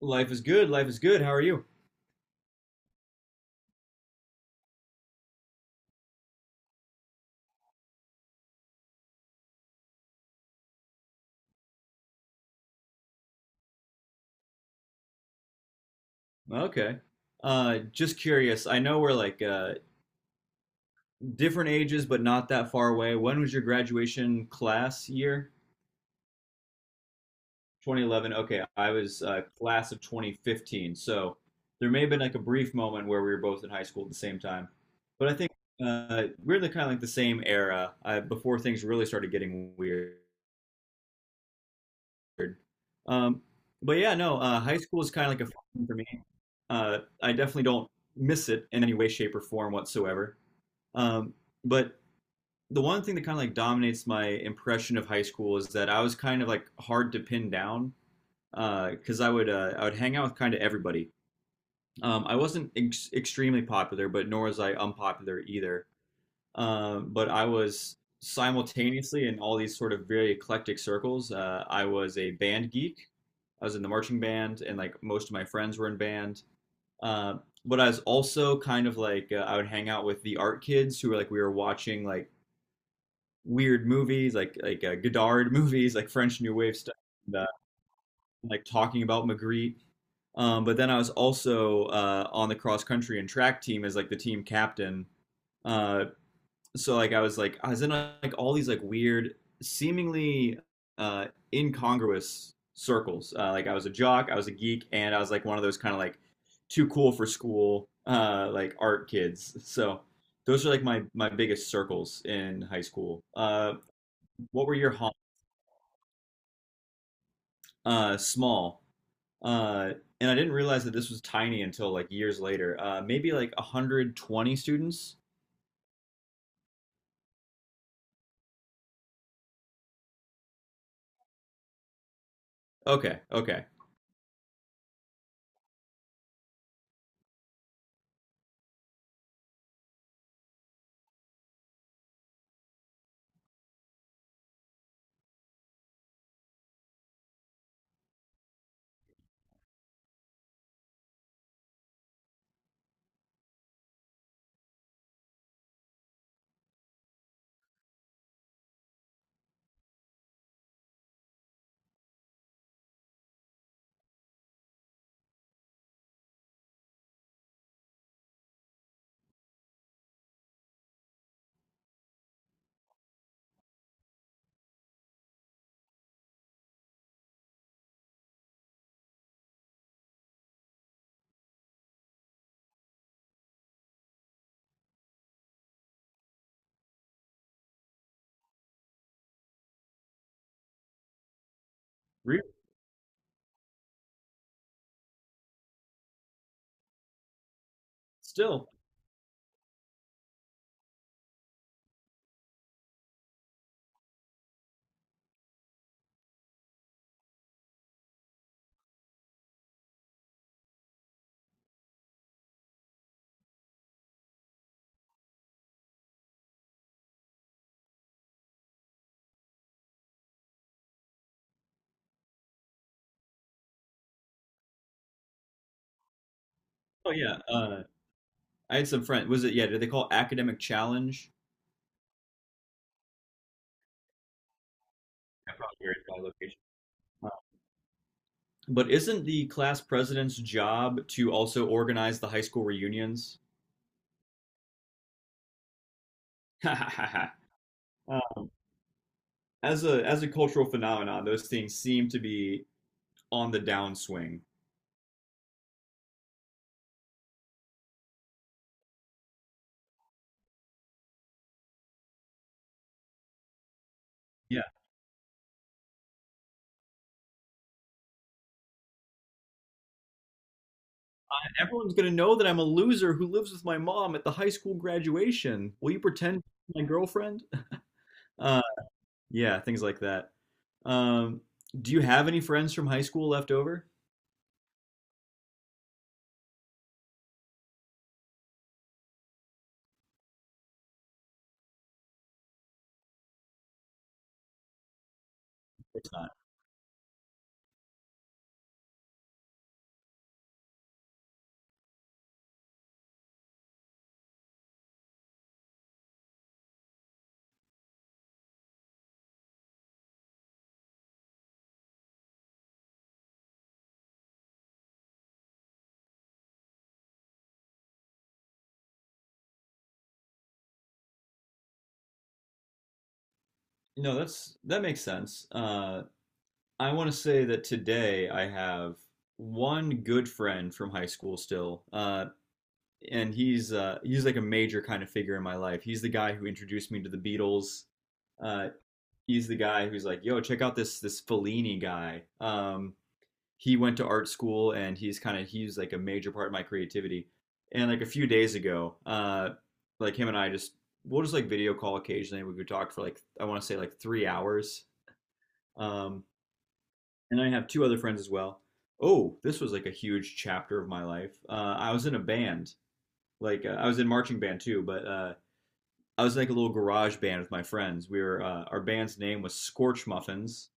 Life is good. Life is good. How are you? Okay. Just curious. I know we're like different ages, but not that far away. When was your graduation class year? 2011. Okay, I was class of 2015. So there may have been like a brief moment where we were both in high school at the same time. But I think we're the kind of like the same era before things really started getting weird. weird. Um, but yeah, no, High school is kind of like a fun thing for me. I definitely don't miss it in any way, shape, or form whatsoever. Um, but the one thing that kind of like dominates my impression of high school is that I was kind of like hard to pin down because I would hang out with kind of everybody. I wasn't extremely popular, but nor was I unpopular either. But I was simultaneously in all these sort of very eclectic circles. I was a band geek. I was in the marching band, and like most of my friends were in band. Uh, but I was also kind of like I would hang out with the art kids who were like we were watching like weird movies, like Godard movies, like French New Wave stuff, and, like talking about Magritte. But then I was also on the cross country and track team as like the team captain. Uh, so I was in like all these like weird, seemingly uh incongruous circles. Like I was a jock, I was a geek, and I was like one of those kind of like too cool for school like art kids. So those are like my biggest circles in high school. What were your hobbies? Uh, small. Uh and I didn't realize that this was tiny until like years later. Uh, maybe like 120 students. Okay, okay. Re- Still. Oh, yeah. I had some friend. Was it, yeah? Did they call it academic challenge? That probably varies by location. Oh. But isn't the class president's job to also organize the high school reunions? Uh, as a as a cultural phenomenon, those things seem to be on the downswing. Yeah. And everyone's gonna know that I'm a loser who lives with my mom at the high school graduation. Will you pretend to be my girlfriend? Uh, yeah, things like that. Um, do you have any friends from high school left over? It's not. No, that's that makes sense. I want to say that today I have one good friend from high school still, and he's like a major kind of figure in my life. He's the guy who introduced me to the Beatles. Uh, he's the guy who's like, "Yo, check out this Fellini guy." He went to art school, and he's kind of he's like a major part of my creativity. And like a few days ago, like him and I just we'll just like video call occasionally. We could talk for like I want to say like 3 hours um, and I have two other friends as well. Oh, this was like a huge chapter of my life. I was in a band, like I was in marching band too, but I was in, like a little garage band with my friends. We were our band's name was Scorch Muffins,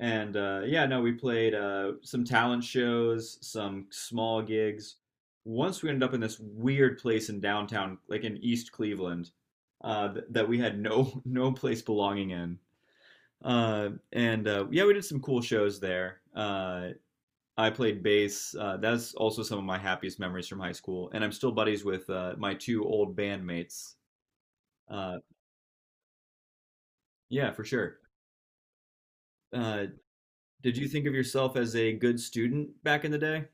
and yeah, no, we played some talent shows, some small gigs. Once we ended up in this weird place in downtown, like in East Cleveland, that we had no place belonging in. And yeah, we did some cool shows there. I played bass. That's also some of my happiest memories from high school, and I'm still buddies with my two old bandmates. Uh, yeah, for sure. Uh, did you think of yourself as a good student back in the day?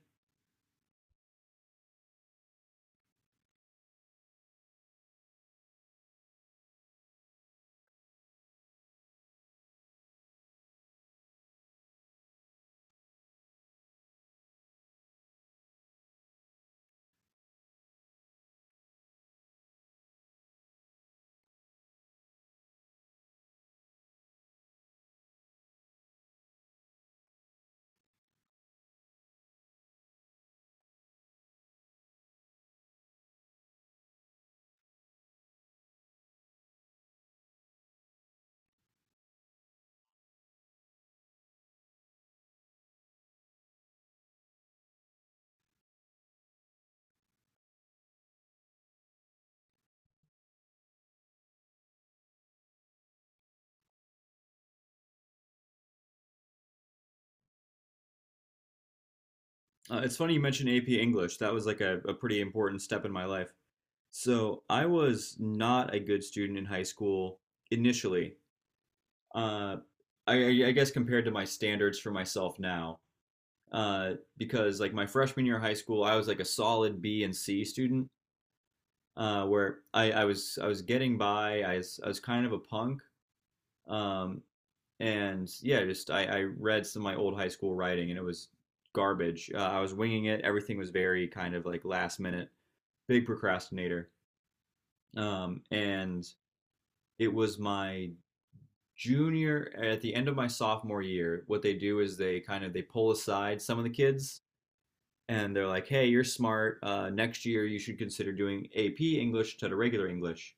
It's funny you mentioned AP English. That was like a pretty important step in my life. So I was not a good student in high school initially. Uh, I guess compared to my standards for myself now, uh, because like my freshman year of high school, I was like a solid B and C student. Where I was getting by. I was kind of a punk, um, and yeah, I read some of my old high school writing, and it was garbage. I was winging it. Everything was very kind of like last minute. Big procrastinator. And it was my junior at the end of my sophomore year. What they do is they pull aside some of the kids and they're like, "Hey, you're smart. Next year you should consider doing AP English instead of regular English."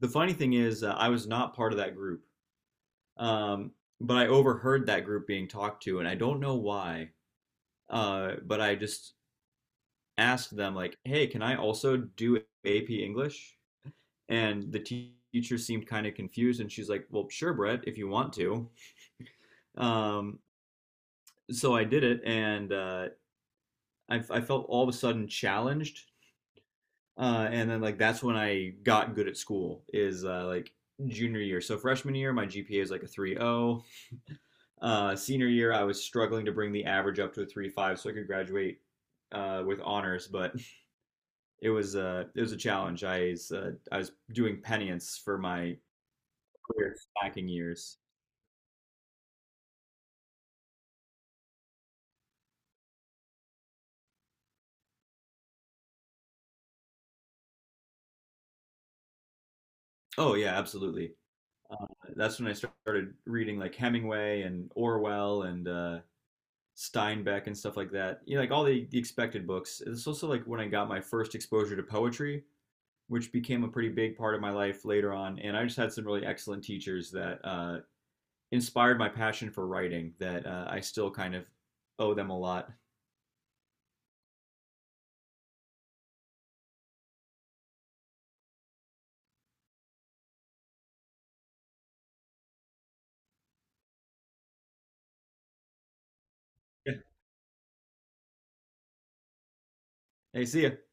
The funny thing is, I was not part of that group, um, but I overheard that group being talked to, and I don't know why. But I just asked them, like, "Hey, can I also do AP English?" And the teacher seemed kind of confused, and she's like, "Well, sure, Brett, if you want to." Um, so I did it, and I felt all of a sudden challenged. And then like that's when I got good at school is like junior year. So freshman year, my GPA is like a 3.0. Senior year, I was struggling to bring the average up to a 3.5 so I could graduate with honors, but it was a challenge. I was doing penance for my career stacking years. Oh, yeah, absolutely. Uh, that's when I started reading like Hemingway and Orwell and Steinbeck and stuff like that. You know, like all the expected books. It's also like when I got my first exposure to poetry, which became a pretty big part of my life later on. And I just had some really excellent teachers that inspired my passion for writing that I still kind of owe them a lot. Yeah. Hey, see ya.